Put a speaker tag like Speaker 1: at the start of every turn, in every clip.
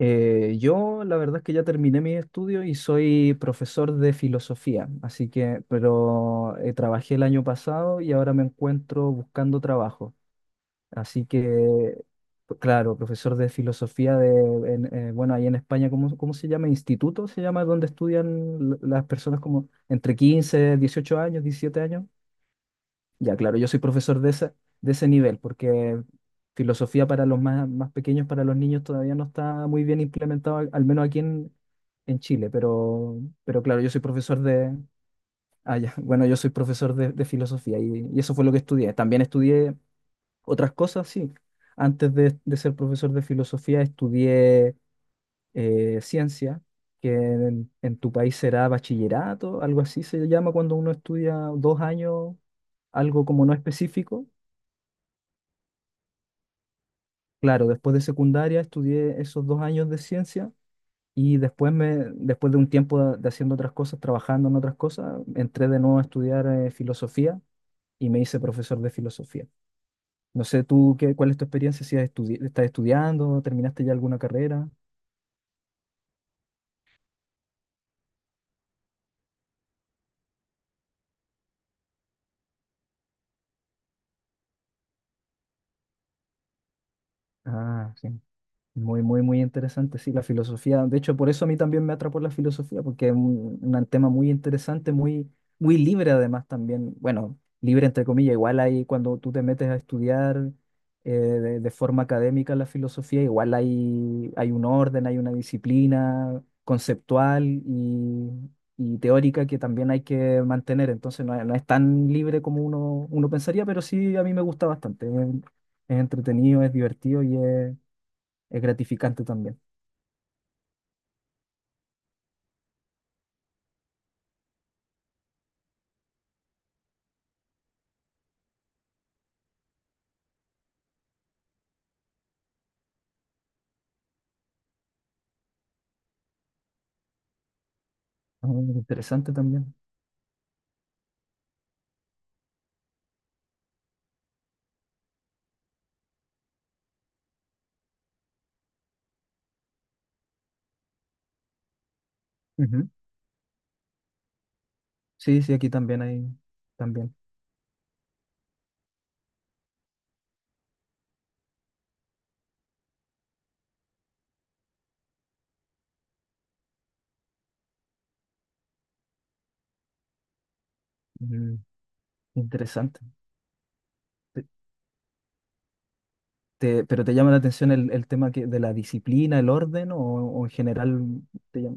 Speaker 1: Yo la verdad es que ya terminé mis estudios y soy profesor de filosofía, así que, pero trabajé el año pasado y ahora me encuentro buscando trabajo. Así que, pues, claro, profesor de filosofía bueno, ahí en España, ¿cómo se llama? Instituto se llama, donde estudian las personas como entre 15, 18 años, 17 años. Ya, claro, yo soy profesor de ese, nivel, porque filosofía para los más, más pequeños, para los niños, todavía no está muy bien implementado, al menos aquí en Chile, pero claro, yo soy profesor de... Ah, ya, bueno, yo soy profesor de filosofía y eso fue lo que estudié. También estudié otras cosas, sí. Antes de ser profesor de filosofía estudié ciencia, que en tu país será bachillerato, algo así se llama cuando uno estudia 2 años, algo como no específico. Claro, después de secundaria estudié esos 2 años de ciencia y después de un tiempo de haciendo otras cosas, trabajando en otras cosas, entré de nuevo a estudiar filosofía y me hice profesor de filosofía. No sé tú qué, cuál es tu experiencia, si estás estudiando, terminaste ya alguna carrera. Ah, sí. Muy, muy, muy interesante, sí, la filosofía. De hecho, por eso a mí también me atrapó la filosofía, porque es un, tema muy interesante, muy, muy libre además también. Bueno, libre entre comillas, igual ahí cuando tú te metes a estudiar de forma académica la filosofía, igual hay un orden, hay una disciplina conceptual y teórica que también hay que mantener. Entonces no, es no es tan libre como uno pensaría, pero sí a mí me gusta bastante. Es entretenido, es divertido y es... Es gratificante también. Ah, interesante también. Ujú. Sí, sí, aquí también hay, también. Mm, interesante. Te- pero te llama la atención el tema que, de la disciplina, el orden o en general te llama?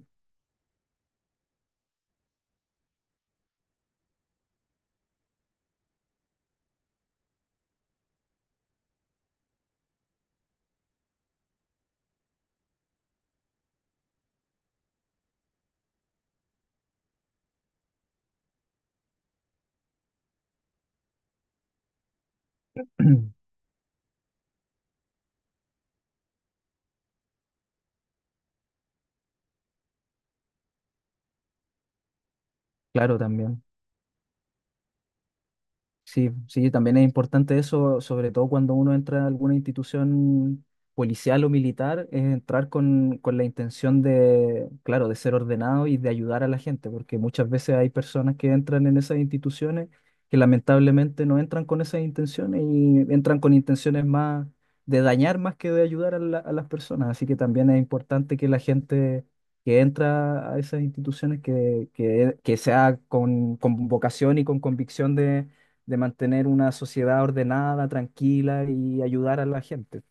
Speaker 1: Claro, también. Sí, sí, también es importante eso, sobre todo cuando uno entra a alguna institución policial o militar, es entrar con la intención de, claro, de ser ordenado y de ayudar a la gente, porque muchas veces hay personas que entran en esas instituciones que lamentablemente no entran con esas intenciones y entran con intenciones más de dañar más que de ayudar a las personas. Así que también es importante que la gente que entra a esas instituciones que sea con vocación y con convicción de mantener una sociedad ordenada, tranquila y ayudar a la gente.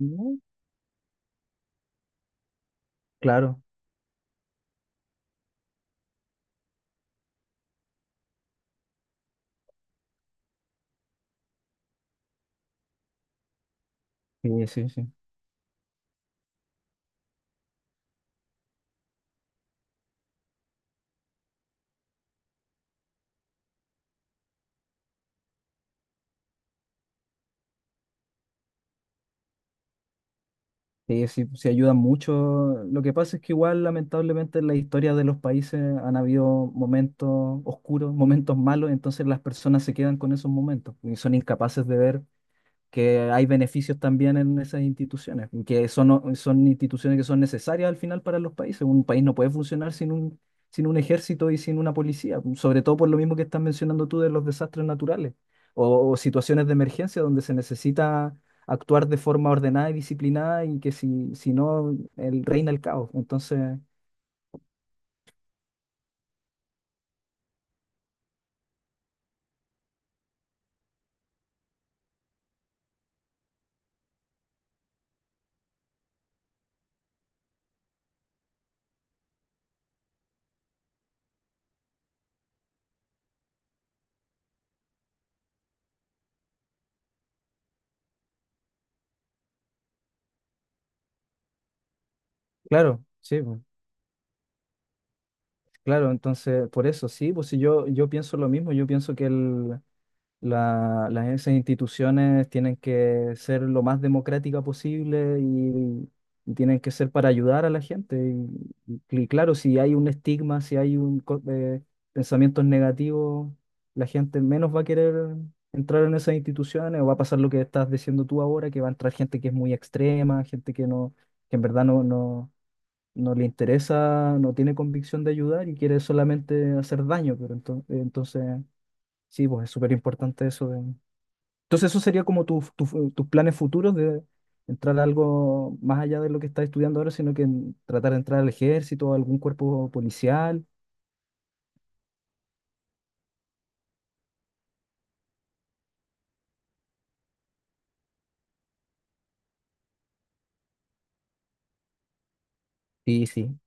Speaker 1: Mm, claro, sí, sí, sí. Sí, sí, sí ayuda mucho. Lo que pasa es que igual, lamentablemente, en la historia de los países han habido momentos oscuros, momentos malos, entonces las personas se quedan con esos momentos y son incapaces de ver que hay beneficios también en esas instituciones, que son, son instituciones que son necesarias al final para los países. Un país no puede funcionar sin un, ejército y sin una policía, sobre todo por lo mismo que estás mencionando tú de los desastres naturales o situaciones de emergencia donde se necesita actuar de forma ordenada y disciplinada y que si no, reina el caos. Entonces, claro, sí, pues, claro, entonces por eso, sí, pues si yo pienso lo mismo, yo pienso que esas instituciones tienen que ser lo más democrática posible y tienen que ser para ayudar a la gente. Y claro, si hay un estigma, si hay pensamientos negativos, la gente menos va a querer entrar en esas instituciones o va a pasar lo que estás diciendo tú ahora, que va a entrar gente que es muy extrema, gente que no, que en verdad no le interesa, no tiene convicción de ayudar y quiere solamente hacer daño, pero entonces, entonces... Sí, pues es súper importante eso, entonces eso sería como tus planes futuros de entrar a algo más allá de lo que estás estudiando ahora, sino que tratar de entrar al ejército, a algún cuerpo policial. Sí, sí.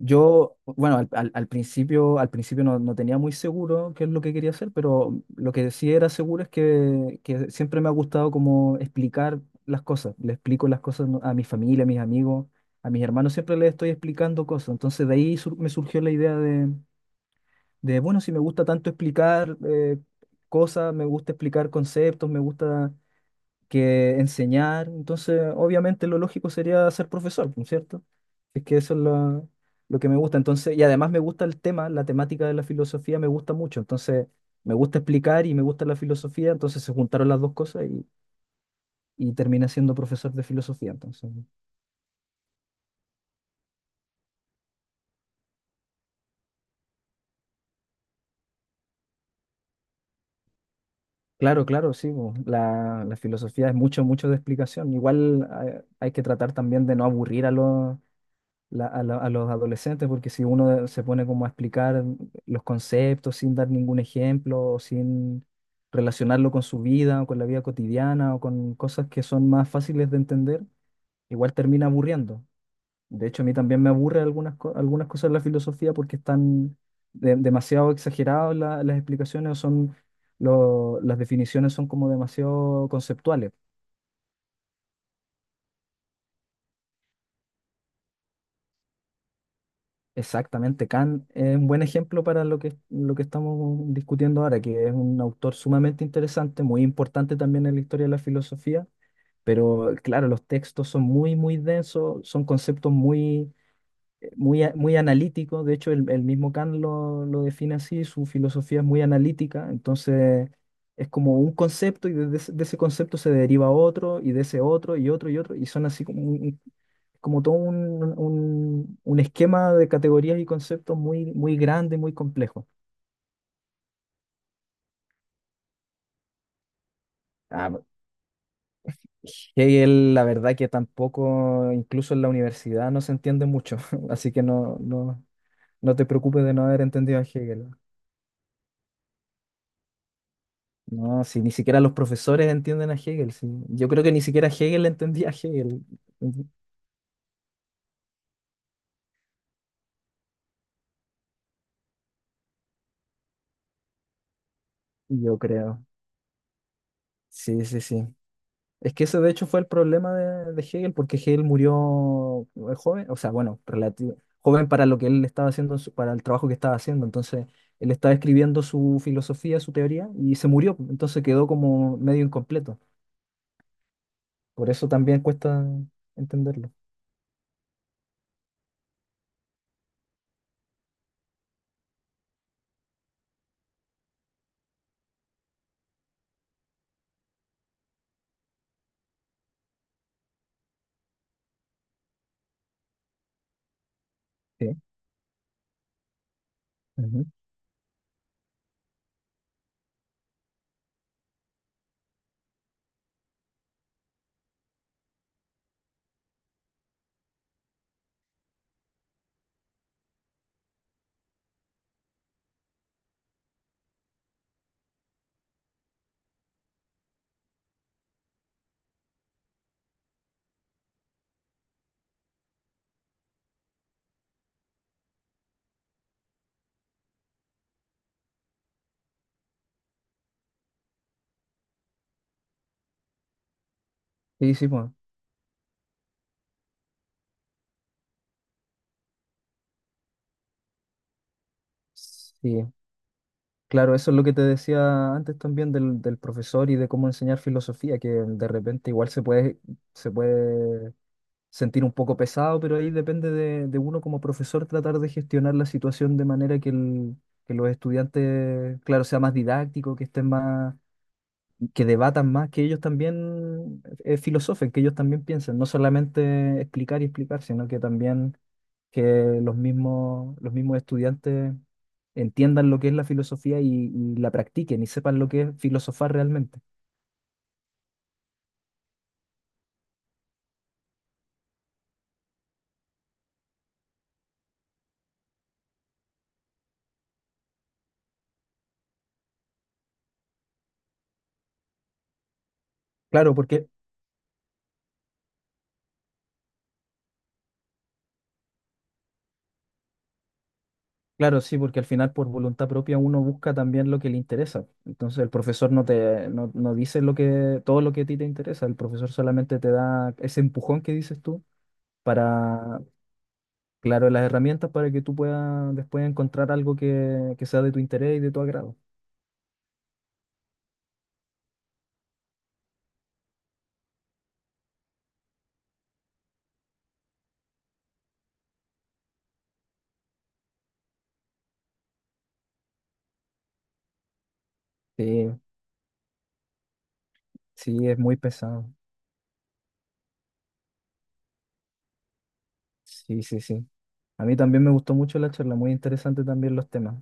Speaker 1: Yo, bueno, al principio, no tenía muy seguro qué es lo que quería hacer, pero lo que sí era seguro es que siempre me ha gustado como explicar las cosas. Le explico las cosas a mi familia, a mis amigos, a mis hermanos, siempre les estoy explicando cosas. Entonces de ahí me surgió la idea de, bueno, si me gusta tanto explicar cosas, me gusta explicar conceptos, me gusta que enseñar, entonces obviamente lo lógico sería ser profesor, ¿no es cierto? Es que eso es lo que me gusta, entonces, y además me gusta el tema, la temática de la filosofía me gusta mucho, entonces me gusta explicar y me gusta la filosofía, entonces se juntaron las dos cosas y terminé siendo profesor de filosofía, entonces. Claro, claro, sí, la filosofía es mucho, mucho de explicación. Igual hay que tratar también de no aburrir a los, la- a los adolescentes, porque si uno se pone como a explicar los conceptos sin dar ningún ejemplo, o sin relacionarlo con su vida o con la vida cotidiana o con cosas que son más fáciles de entender, igual termina aburriendo. De hecho, a mí también me aburre algunas cosas de la filosofía porque están demasiado exageradas las explicaciones o son... las definiciones son como demasiado conceptuales. Exactamente, Kant es un buen ejemplo para lo que estamos discutiendo ahora, que es un autor sumamente interesante, muy importante también en la historia de la filosofía, pero claro, los textos son muy, muy densos, son conceptos muy, muy, muy analítico, de hecho el mismo Kant lo define así, su filosofía es muy analítica, entonces es como un concepto y desde de ese concepto se deriva otro y de ese otro y otro y otro y son así como, como todo un esquema de categorías y conceptos muy, muy grande, muy complejo. Ah, Hegel, la verdad que tampoco, incluso en la universidad no se entiende mucho, así que no te preocupes de no haber entendido a Hegel. No, si ni siquiera los profesores entienden a Hegel, sí. Yo creo que ni siquiera Hegel entendía a Hegel, yo creo. Sí, sí, sí. Es que ese de hecho fue el problema de Hegel, porque Hegel murió joven, o sea, bueno, relativo, joven para lo que él estaba haciendo, para el trabajo que estaba haciendo. Entonces, él estaba escribiendo su filosofía, su teoría, y se murió. Entonces quedó como medio incompleto. Por eso también cuesta entenderlo. Sí. Ujú. Sí, sí, pues. Sí. Claro, eso es lo que te decía antes también del profesor y de cómo enseñar filosofía, que de repente igual se puede sentir un poco pesado, pero ahí depende de uno como profesor tratar de gestionar la situación de manera que, que los estudiantes, claro, sea más didáctico, que estén más, que debatan más, que ellos también filosofen, que ellos también piensen, no solamente explicar y explicar, sino que también que los mismos estudiantes entiendan lo que es la filosofía y la practiquen y sepan lo que es filosofar realmente. Claro, porque, claro, sí, porque al final por voluntad propia uno busca también lo que le interesa. Entonces el profesor no te, no, no dice lo que, todo lo que a ti te interesa, el profesor solamente te da ese empujón que dices tú para, claro, las herramientas para que tú puedas después encontrar algo que sea de tu interés y de tu agrado. Sí, sí, es muy pesado. Sí, sí, sí. A mí también me gustó mucho la charla, muy interesante también los temas.